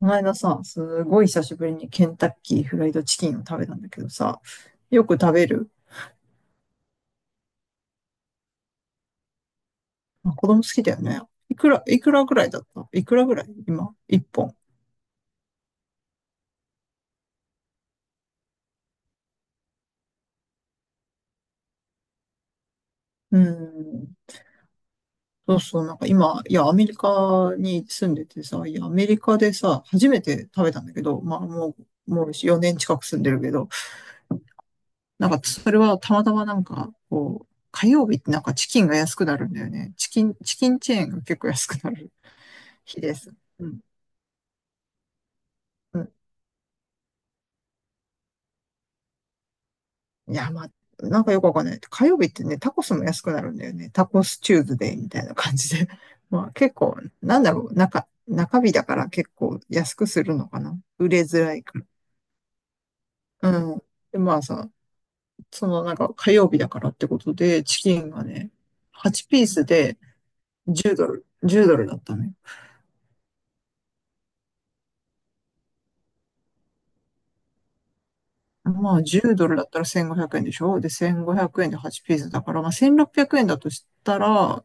この間さ、すごい久しぶりにケンタッキーフライドチキンを食べたんだけどさ、よく食べる。あ、子供好きだよね。いくら、いくらぐらいだったいくらぐらい今、一本。うん。そうそう、なんか今、いや、アメリカに住んでてさ、いや、アメリカでさ、初めて食べたんだけど、まあもう4年近く住んでるけど、なんかそれはたまたまなんか、こう、火曜日ってなんかチキンが安くなるんだよね。チキン、チキンチェーンが結構安くなる日です。うん。いや、まあ、なんかよくわかんない。火曜日ってね、タコスも安くなるんだよね。タコスチューズデーみたいな感じで。まあ結構、なんだろう、中日だから結構安くするのかな。売れづらいから。うん。で、まあさ、そのなんか火曜日だからってことで、チキンがね、8ピースで10ドルだったね。まあ10ドルだったら1500円でしょで、1500円で8ピースだから、まあ1600円だとしたら、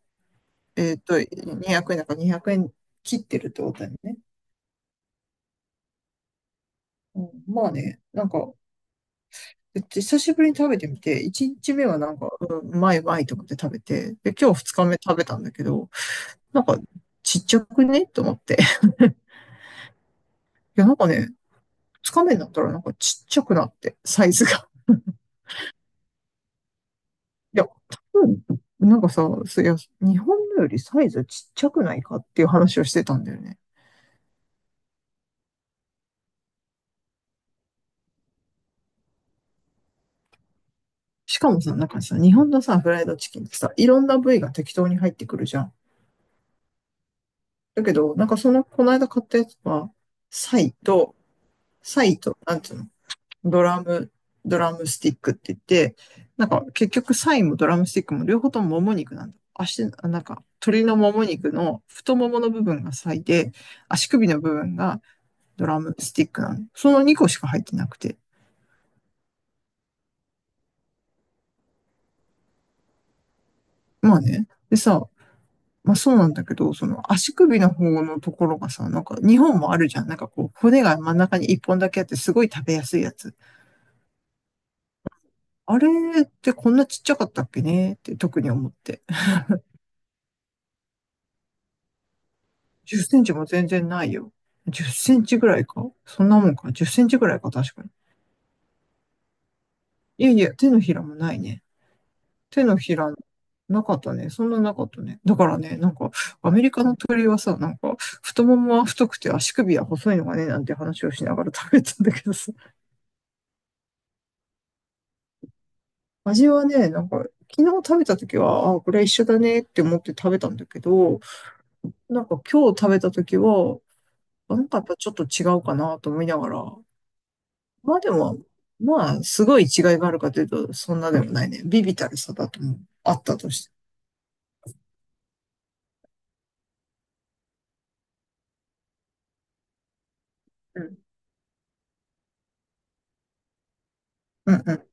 200円だから200円切ってるってことだよね。うんまあね、なんか、久しぶりに食べてみて、1日目はなんか、うん、うまいうまいと思って食べて、で、今日2日目食べたんだけど、なんか、ちっちゃくねと思って。いや、なんかね、2日目になったらなんかちっちゃくなって、サイズが。いや、多分、なんかさ、そいや、日本のよりサイズちっちゃくないかっていう話をしてたんだよね。しかもさ、なんかさ、日本のさ、フライドチキンってさ、いろんな部位が適当に入ってくるじゃん。だけど、なんかその、この間買ったやつは、サイとサイと、なんていうの、ドラム、ドラムスティックって言って、なんか結局サイもドラムスティックも両方とももも肉なんだ。足、なんか鳥のもも肉の太ももの部分がサイで、足首の部分がドラムスティックなの。その2個しか入ってなくて。まあね。でさ、まあそうなんだけど、その足首の方のところがさ、なんか2本もあるじゃん。なんかこう骨が真ん中に1本だけあってすごい食べやすいやつ。あれってこんなちっちゃかったっけねって特に思って。10センチも全然ないよ。10センチぐらいか、確かに。いやいや、手のひらもないね。手のひら、なかったね。そんななかったね。だからね、なんか、アメリカの鳥はさ、なんか、太ももは太くて足首は細いのがね、なんて話をしながら食べたんだけどさ。味はね、なんか、昨日食べた時は、あ、これは一緒だねって思って食べたんだけど、なんか今日食べた時は、あなんかやっぱちょっと違うかなと思いながら、まあでも、まあ、すごい違いがあるかというと、そんなでもないね。ビビたるさだと思う。あったとして。うん。うん、うん、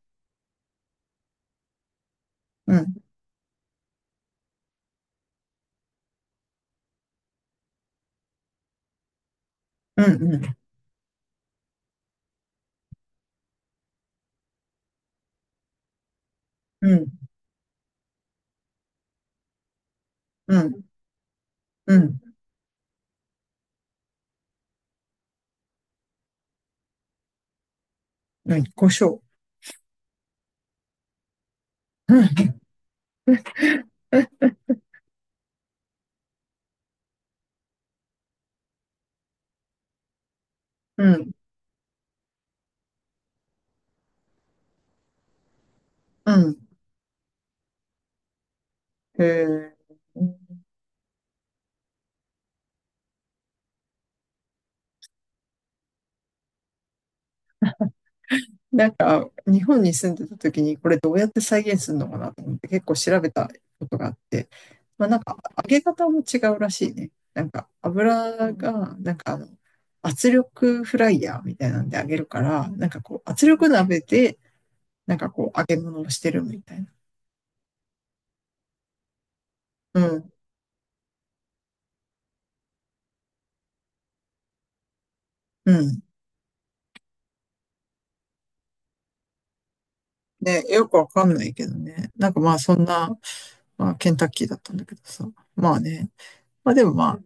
うん、うん、うん、うん、うん、うん、うん、胡椒。うん、うん、うん。へえ。なんか、日本に住んでた時に、これどうやって再現するのかなと思って結構調べたことがあって、まあなんか、揚げ方も違うらしいね。なんか、なんかあの、圧力フライヤーみたいなんで揚げるから、なんかこう、圧力鍋で、なんかこう、揚げ物をしてるみたいな。うん、うん。ね、よくわかんないけどね。なんかまあ、そんな、まあ、ケンタッキーだったんだけどさ。まあね。まあでもまあ、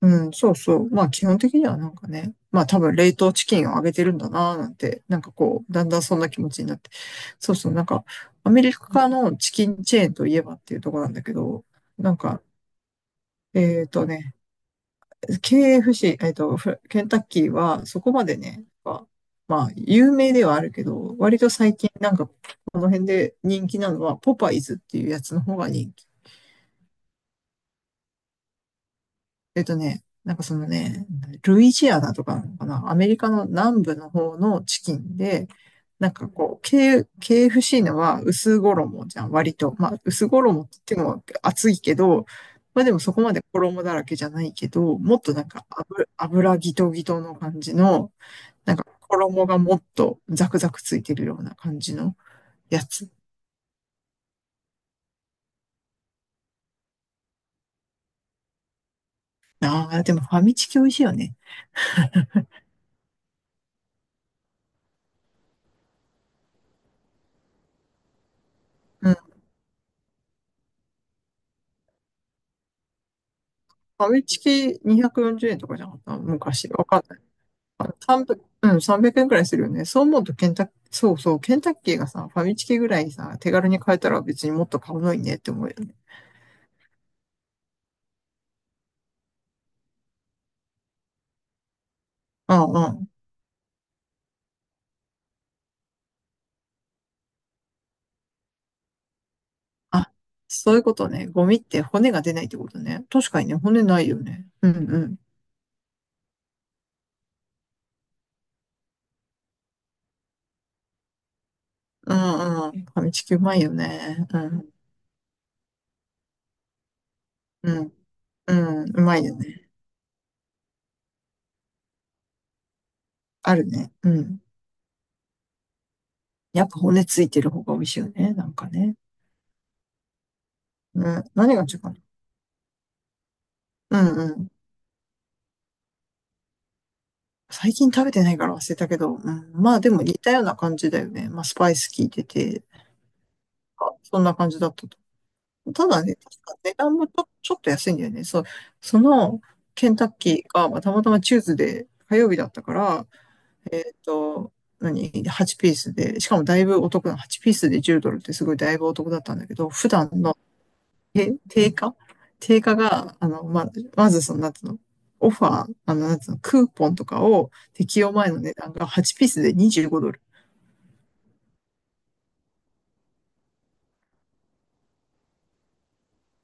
うん、そうそう。まあ基本的にはなんかね、まあ多分冷凍チキンをあげてるんだなーなんて、なんかこう、だんだんそんな気持ちになって。そうそう、なんかアメリカのチキンチェーンといえばっていうところなんだけど、なんか、えっとね、KFC、フケンタッキーはそこまでね、まあ、まあ有名ではあるけど、割と最近なんかこの辺で人気なのはポパイズっていうやつの方が人気。えっとね、なんかそのね、ルイジアナとかなのかな、アメリカの南部の方のチキンで、なんかこう、ケーエフ f c のは薄衣じゃん、割と。まあ、薄衣って言っても厚いけど、まあでもそこまで衣だらけじゃないけど、もっとなんか油ギトギトの感じの、なんか衣がもっとザクザクついてるような感じのやつ。ああ、でもファミチキ美味しいよね。うん。ファミチキ240円とかじゃなかった昔。わかんあ、3 0うん、300円くえんくらいするよね。そう思うとケンタッ、そうそう、ケンタッキーがさ、ファミチキぐらいさ、手軽に買えたら別にもっと買うのにねって思うよね。うんうん。あ、そういうことね。ゴミって骨が出ないってことね。確かにね、骨ないよね。うんうん。うんうん。ファミチキうまいよね。うん。うん。うん。うまいよね。あるね。うん。やっぱ骨ついてる方が美味しいよね。なんかね。うん。何が違うかな。うんうん。最近食べてないから忘れたけど、うん、まあでも似たような感じだよね。まあスパイス効いてて、あそんな感じだったと。ただね、確か値段もちょっと安いんだよね。そう、そのケンタッキーが、まあ、たまたまチューズで火曜日だったから、えっと、何？ 8 ピースで、しかもだいぶお得な、8ピースで10ドルってすごいだいぶお得だったんだけど、普段のえ、定価定価が、あの、ま、まずその、なんつうの、オファー、あの、なんつうの、クーポンとかを適用前の値段が8ピースで25ドル。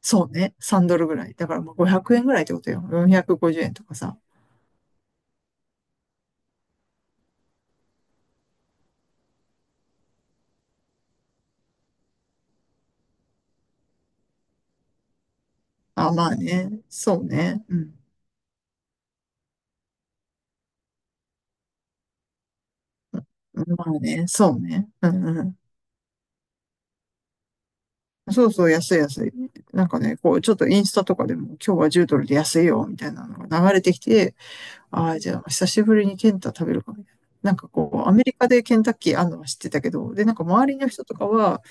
そうね、3ドルぐらい。だからまあ500円ぐらいってことよ。450円とかさ。あ、まあね、そうね、うん。うんまあね、そうね。うんうん。そうそう、安い安い。なんかね、こう、ちょっとインスタとかでも、今日は10ドルで安いよ、みたいなのが流れてきて、ああ、じゃあ、久しぶりにケンタ食べるかみたいな。なんかこう、アメリカでケンタッキーあんのは知ってたけど、で、なんか周りの人とかは、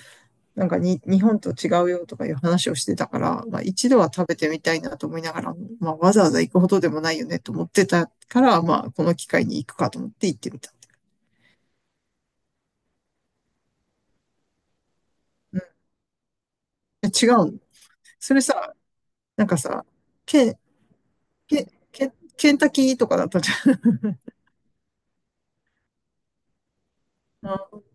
なんかに、日本と違うよとかいう話をしてたから、まあ一度は食べてみたいなと思いながら、まあわざわざ行くほどでもないよねと思ってたから、まあこの機会に行くかと思って行ってみた。うん、え違うの。それさ、なんかさ、ケン、ケン、ケンタッキーとかだったじゃん。あ、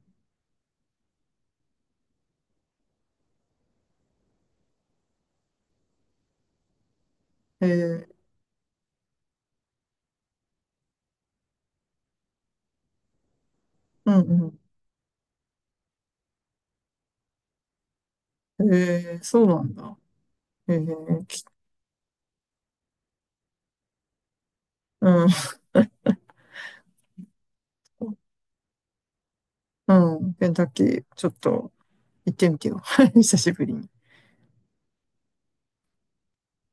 えー、うんうん。えー、そうなんだ。えー、きうん。うん、ケンタッキー、ちょっと行ってみてよ。久しぶりに。